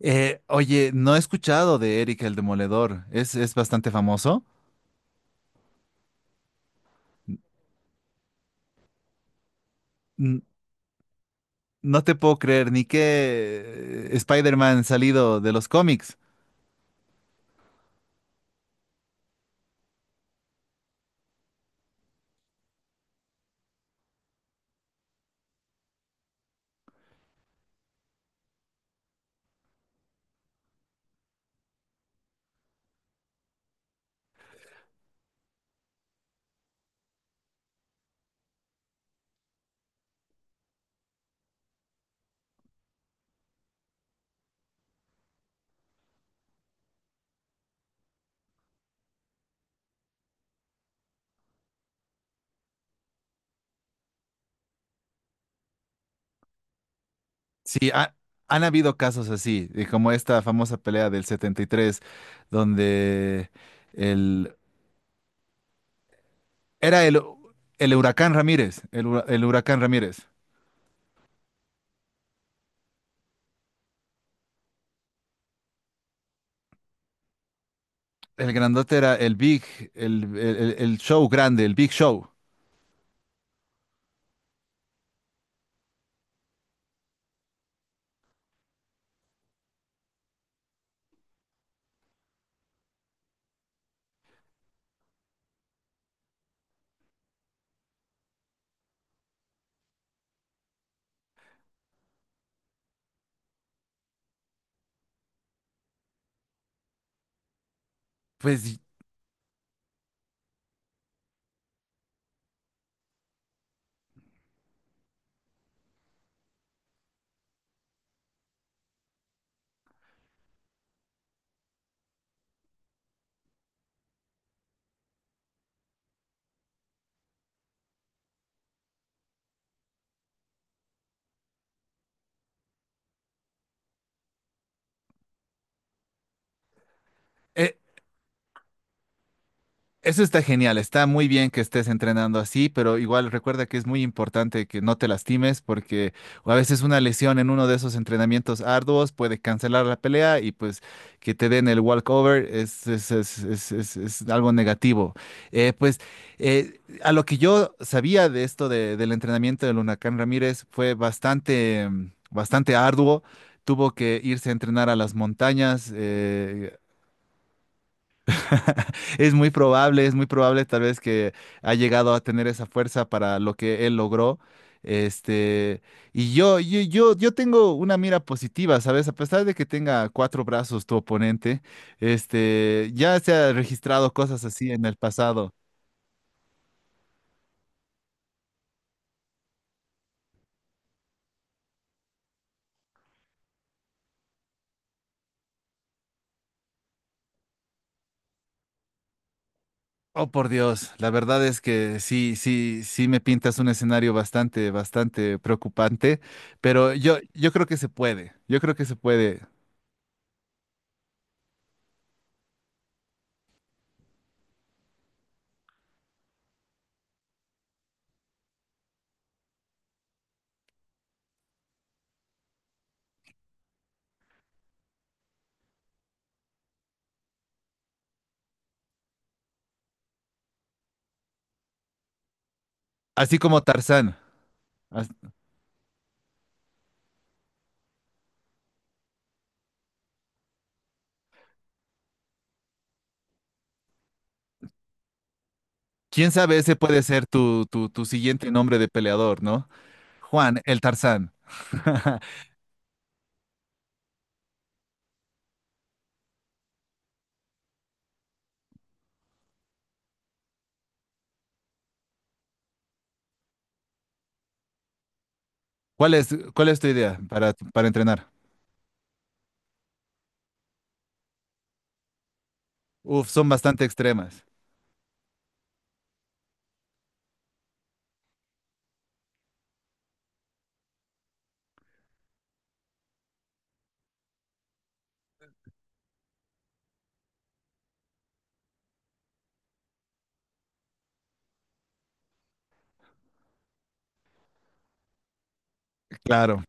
No he escuchado de Eric el Demoledor. Es bastante famoso. N- no te puedo creer ni que Spider-Man salido de los cómics. Sí, han habido casos así, como esta famosa pelea del 73, donde el, era el Huracán Ramírez. El, el Huracán Ramírez. El grandote era el Big, el show grande, el Big Show. Pues. eh, Eso está genial, está muy bien que estés entrenando así, pero igual recuerda que es muy importante que no te lastimes porque a veces una lesión en uno de esos entrenamientos arduos puede cancelar la pelea y pues que te den el walkover es algo negativo. Eh, pues a lo que yo sabía de esto del entrenamiento del Huracán Ramírez fue bastante, bastante arduo. Tuvo que irse a entrenar a las montañas, es muy probable tal vez que ha llegado a tener esa fuerza para lo que él logró. Este, y yo tengo una mira positiva, ¿sabes? A pesar de que tenga cuatro brazos tu oponente, este, ya se ha registrado cosas así en el pasado. Oh, por Dios, la verdad es que sí, sí, sí me pintas un escenario bastante, bastante preocupante, pero yo creo que se puede, yo creo que se puede, así como Tarzán. Quién sabe, ese puede ser tu siguiente nombre de peleador, ¿no? Juan, el Tarzán. ¿Cuál es, ¿Cuál es tu idea para entrenar? Uf, son bastante extremas. Claro.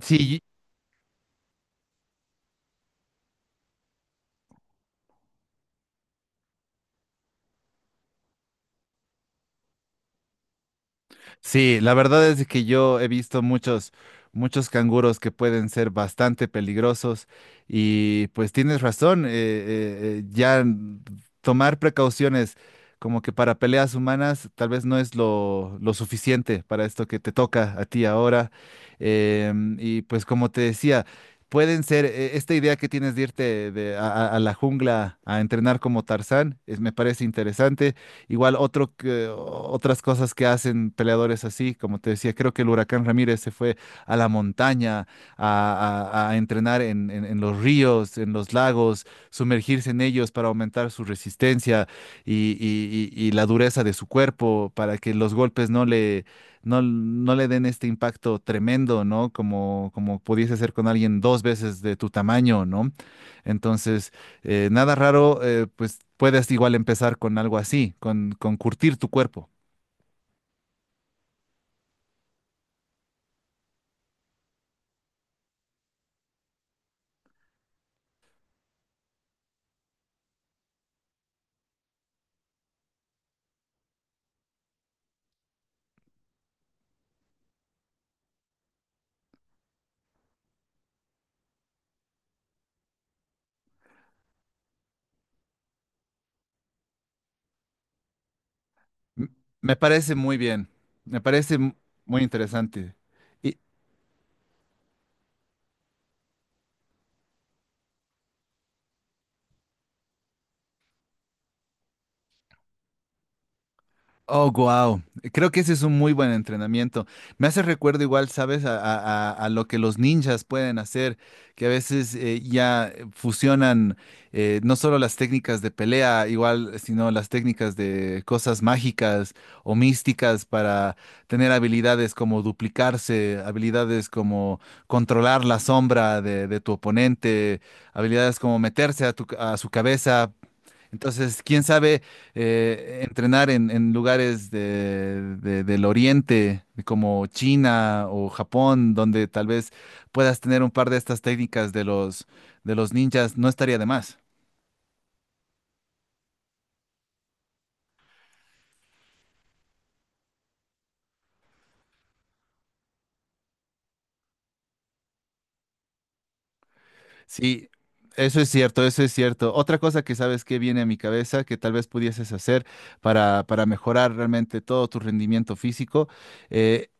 Sí, Sí, la verdad es que yo he visto muchos, muchos canguros que pueden ser bastante peligrosos y pues tienes razón, ya tomar precauciones como que para peleas humanas tal vez no es lo suficiente para esto que te toca a ti ahora. Y pues como te decía, pueden ser, esta idea que tienes de irte a, a la jungla a entrenar como Tarzán, es, me parece interesante. Igual otro otras cosas que hacen peleadores así, como te decía, creo que el Huracán Ramírez se fue a la montaña a, a entrenar en, en los ríos, en los lagos, sumergirse en ellos para aumentar su resistencia y la dureza de su cuerpo, para que los golpes no le, no le den este impacto tremendo, ¿no? Como, como pudiese ser con alguien dos veces de tu tamaño, ¿no? Entonces... Nada raro, pues puedes igual empezar con algo así, con curtir tu cuerpo. M- Me parece muy bien, me parece muy interesante. Y, oh, wow. Creo que ese es un muy buen entrenamiento. Me hace recuerdo igual, ¿sabes? A, a lo que los ninjas pueden hacer, que a veces fusionan no solo las técnicas de pelea, igual, sino las técnicas de cosas mágicas o místicas para tener habilidades como duplicarse, habilidades como controlar la sombra de tu oponente, habilidades como meterse a tu, a su cabeza. Entonces, quién sabe entrenar en lugares del Oriente, como China o Japón, donde tal vez puedas tener un par de estas técnicas de los ninjas, no estaría de más. Sí, eso es cierto, eso es cierto. Otra cosa que sabes que viene a mi cabeza, que tal vez pudieses hacer para mejorar realmente todo tu rendimiento físico, eh,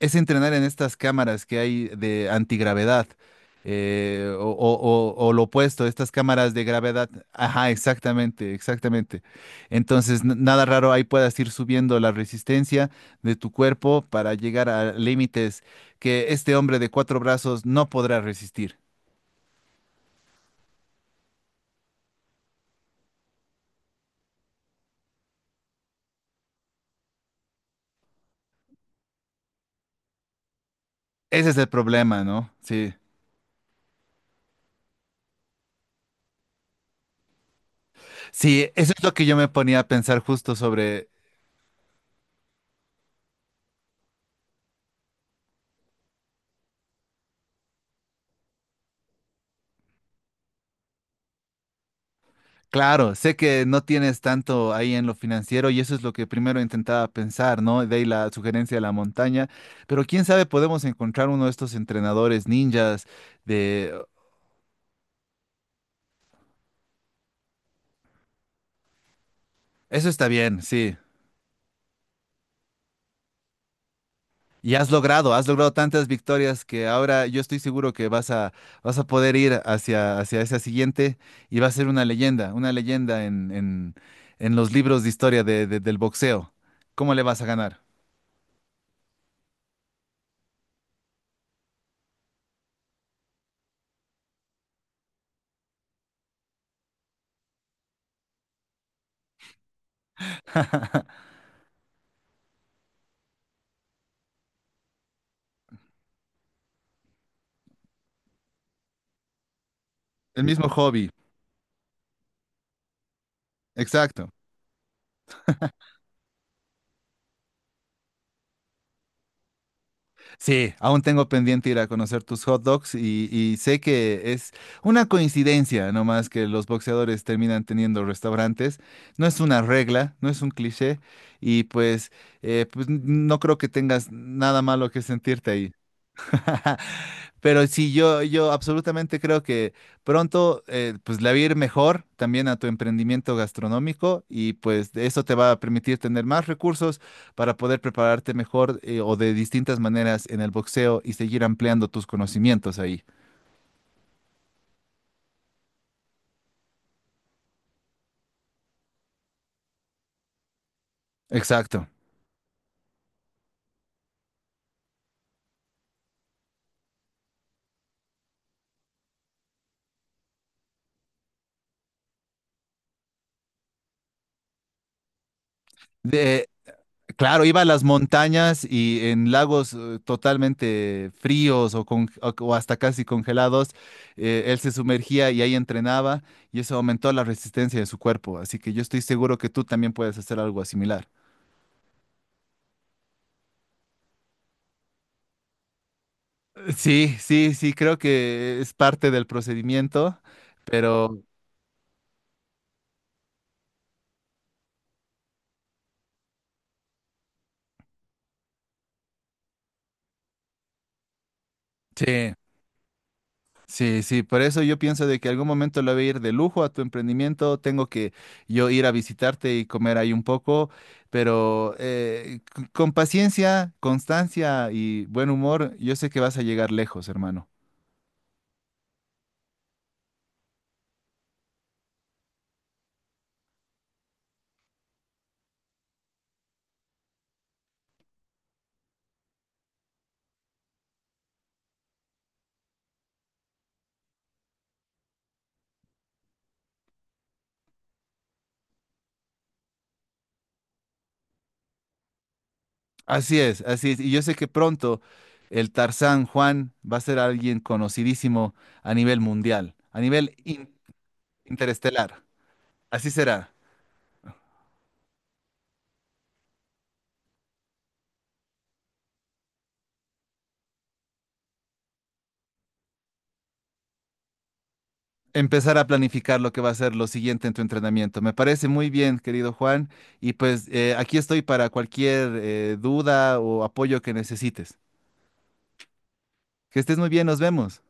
es entrenar en estas cámaras que hay de antigravedad o, o lo opuesto, estas cámaras de gravedad. Ajá, exactamente, exactamente. Entonces, nada raro, ahí puedas ir subiendo la resistencia de tu cuerpo para llegar a límites que este hombre de cuatro brazos no podrá resistir. Ese es el problema, ¿no? Sí. Sí, eso es lo que yo me ponía a pensar justo sobre. Claro, sé que no tienes tanto ahí en lo financiero y eso es lo que primero intentaba pensar, ¿no? De ahí la sugerencia de la montaña, pero quién sabe, podemos encontrar uno de estos entrenadores ninjas de... Eso está bien, sí. Y has logrado tantas victorias que ahora yo estoy seguro que vas a, vas a poder ir hacia, hacia esa siguiente y va a ser una leyenda en los libros de historia del boxeo. ¿Cómo le vas a ganar? El mismo hobby, exacto. Sí, aún tengo pendiente ir a conocer tus hot dogs y sé que es una coincidencia nomás que los boxeadores terminan teniendo restaurantes. No es una regla, no es un cliché y pues, pues no creo que tengas nada malo que sentirte ahí. Pero sí, yo absolutamente creo que pronto pues le va a ir mejor también a tu emprendimiento gastronómico y pues de eso te va a permitir tener más recursos para poder prepararte mejor, o de distintas maneras en el boxeo y seguir ampliando tus conocimientos ahí. Exacto. De- Claro, iba a las montañas y en lagos totalmente fríos o, o hasta casi congelados, él se sumergía y ahí entrenaba y eso aumentó la resistencia de su cuerpo. Así que yo estoy seguro que tú también puedes hacer algo similar. Sí, sí, sí, creo que es parte del procedimiento, pero sí. Sí, sí, por eso yo pienso de que algún momento le voy a ir de lujo a tu emprendimiento, tengo que yo ir a visitarte y comer ahí un poco, pero con paciencia, constancia y buen humor, yo sé que vas a llegar lejos, hermano. Así es, y yo sé que pronto el Tarzán Juan va a ser alguien conocidísimo a nivel mundial, a nivel interestelar. Así será. Empezar a planificar lo que va a ser lo siguiente en tu entrenamiento. Me parece muy bien, querido Juan, y pues aquí estoy para cualquier duda o apoyo que necesites. Que estés muy bien, nos vemos.